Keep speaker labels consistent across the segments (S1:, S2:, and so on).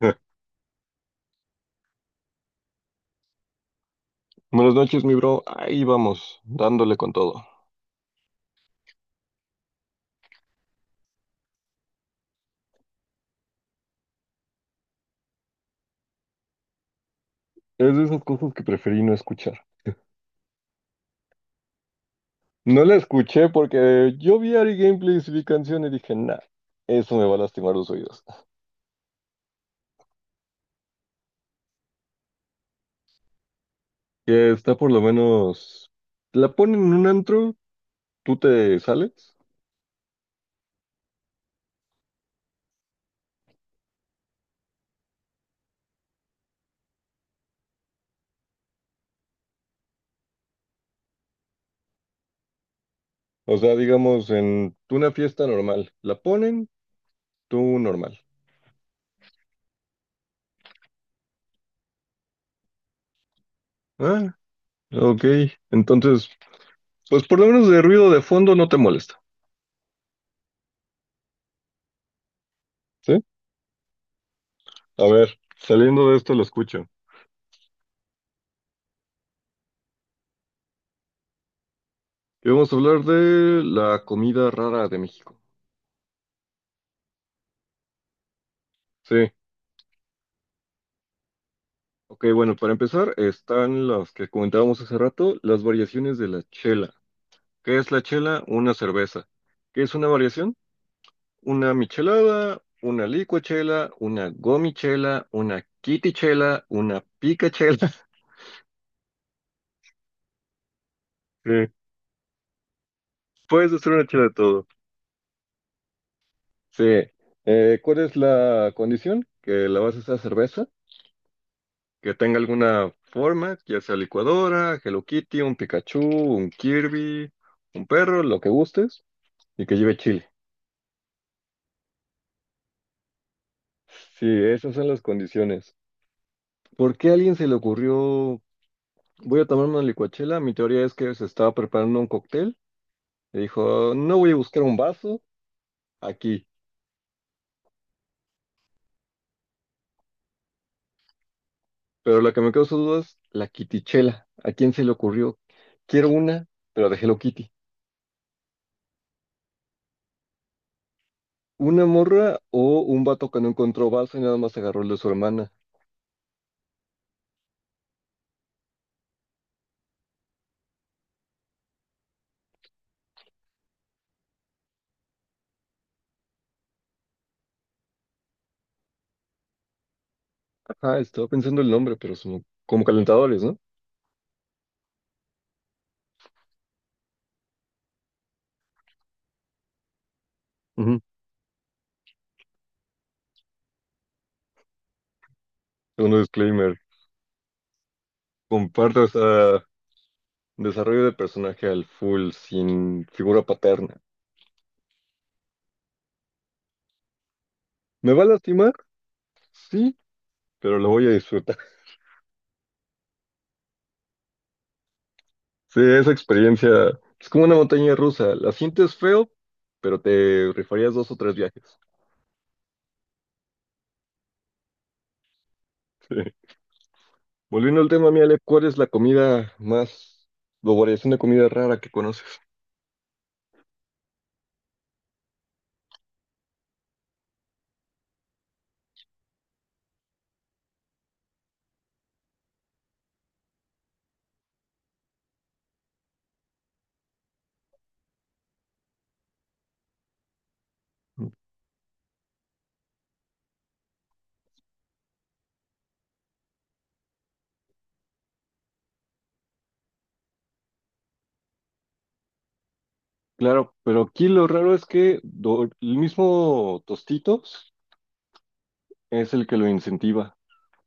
S1: Buenas noches, mi bro. Ahí vamos, dándole con todo. Es de esas cosas que preferí no escuchar. No la escuché porque yo vi Ari Gameplays y vi canción y dije, nah, eso me va a lastimar los oídos. Que está por lo menos. La ponen en un antro, tú te sales. O sea, digamos, en una fiesta normal. La ponen, tú normal. Ah, ok. Entonces, pues por lo menos de ruido de fondo no te molesta. ¿Sí? A ver, saliendo de esto lo escucho. Y vamos a hablar de la comida rara de México. Sí. Ok, bueno, para empezar están las que comentábamos hace rato, las variaciones de la chela. ¿Qué es la chela? Una cerveza. ¿Qué es una variación? Una michelada, una licuachela, una gomichela, una kitichela, una picachela. Sí. Puedes hacer una chela de todo. Sí. ¿Cuál es la condición? Que la base sea cerveza que tenga alguna forma, ya sea licuadora, Hello Kitty, un Pikachu, un Kirby, un perro, lo que gustes, y que lleve chile. Sí, esas son las condiciones. ¿Por qué a alguien se le ocurrió, voy a tomar una licuachela? Mi teoría es que se estaba preparando un cóctel y dijo, no voy a buscar un vaso aquí, pero lo que me causa dudas es la Kitichela. ¿A quién se le ocurrió? Quiero una, pero de Hello Kitty. ¿Una morra o un vato que no encontró vaso y nada más agarró el de su hermana? Ah, estaba pensando el nombre, pero son como calentadores, ¿no? Ujú. Segundo disclaimer, comparto esa desarrollo de personaje al full sin figura paterna. ¿Me va a lastimar? Sí, pero lo voy a disfrutar. Sí, esa experiencia es como una montaña rusa. La sientes feo, pero te rifarías dos o tres viajes. Sí. Volviendo al tema, mi Ale, ¿cuál es la comida más, o variación de comida rara que conoces? Claro, pero aquí lo raro es que el mismo tostito es el que lo incentiva,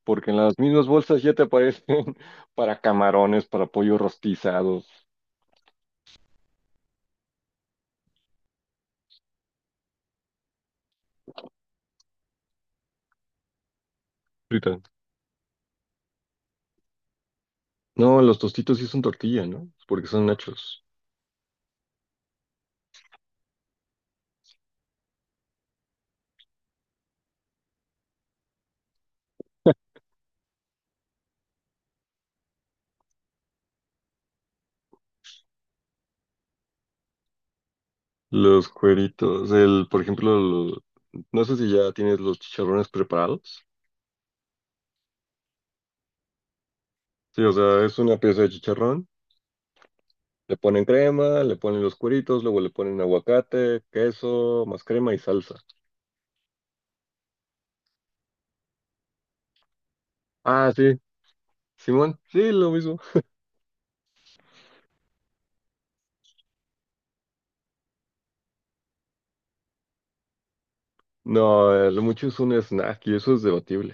S1: porque en las mismas bolsas ya te aparecen para camarones, para pollo rostizado. Frita. No, los tostitos sí son tortilla, ¿no? Porque son nachos. Los cueritos, el, por ejemplo, no sé si ya tienes los chicharrones preparados. Sí, o sea, es una pieza de chicharrón, le ponen crema, le ponen los cueritos, luego le ponen aguacate, queso, más crema y salsa. Ah, sí, Simón, sí, lo mismo. No, lo mucho es un snack y eso es debatible.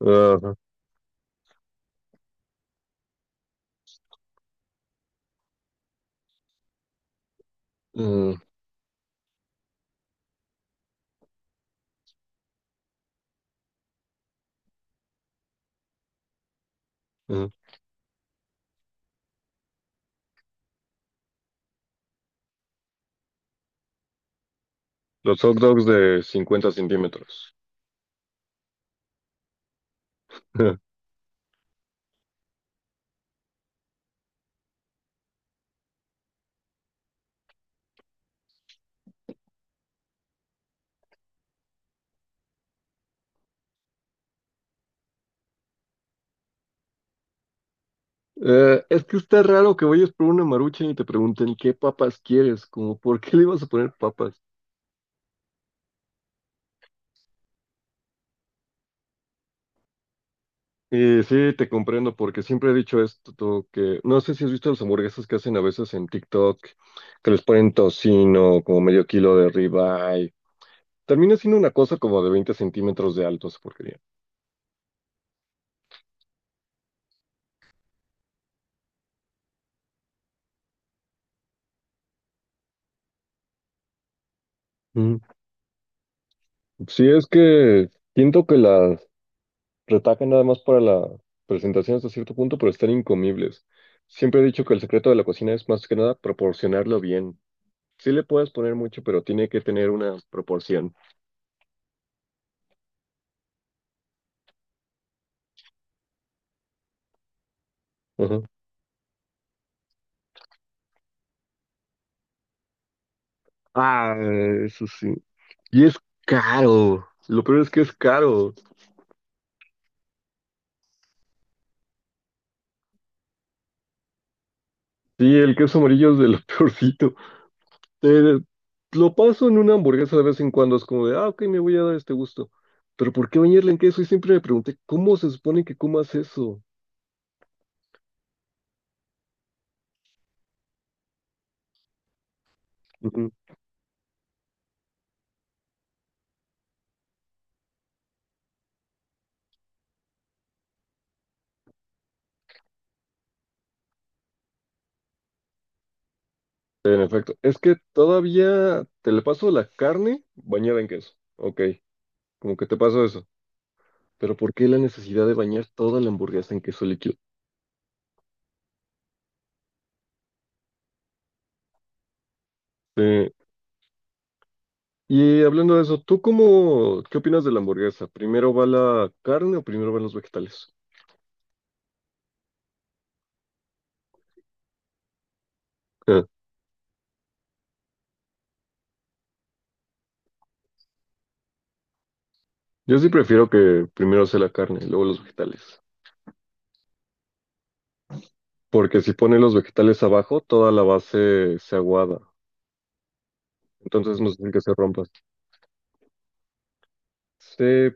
S1: Ajá. Mm. Ujú. Los hot dogs de 50 cm. Es que está raro que vayas por una marucha y te pregunten qué papas quieres, como por qué le ibas a poner papas. Y sí, te comprendo, porque siempre he dicho esto, tú, que no sé si has visto las hamburguesas que hacen a veces en TikTok, que les ponen tocino, como medio kilo de ribeye. Termina siendo una cosa como de 20 cm de alto esa porquería. Ujú. Sí, es que siento que las retacan nada más para la presentación hasta cierto punto, pero están incomibles. Siempre he dicho que el secreto de la cocina es más que nada proporcionarlo bien. Sí le puedes poner mucho, pero tiene que tener una proporción. Ajá. Ah, eso sí. Y es caro. Lo peor es que es caro. Sí, el queso amarillo es de lo peorcito. Eh, lo paso en una hamburguesa de vez en cuando. Es como de, ah, ok, me voy a dar este gusto. Pero ¿por qué bañarle en queso? Y siempre me pregunté, ¿cómo se supone que comas eso? En efecto, es que todavía te le paso la carne bañada en queso. Ok, como que te paso eso. Pero ¿por qué la necesidad de bañar toda la hamburguesa en queso líquido? Eh, y hablando de eso, ¿tú cómo, qué opinas de la hamburguesa? ¿Primero va la carne o primero van los vegetales? Ah, yo sí prefiero que primero sea la carne, luego los vegetales. Porque si pones los vegetales abajo, toda la base se aguada. Entonces no sé si que se rompa. Sí,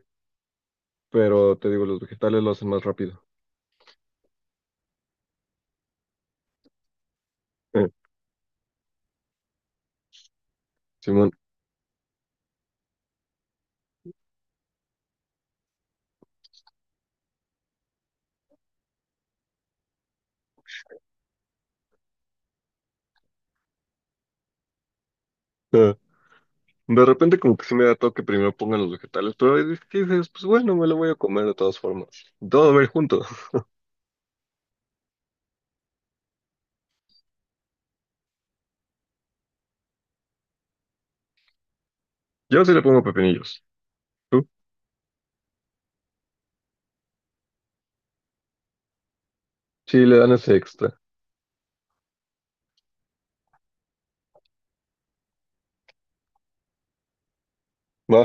S1: pero te digo, los vegetales lo hacen más rápido. Eh, Simón. Ah, de repente como que sí me da toque primero pongan los vegetales, pero hay veces que dices, pues bueno, me lo voy a comer de todas formas. Todo va a ir junto. Yo sí le pongo pepinillos. ¿Tú? Sí, le dan ese extra. Va.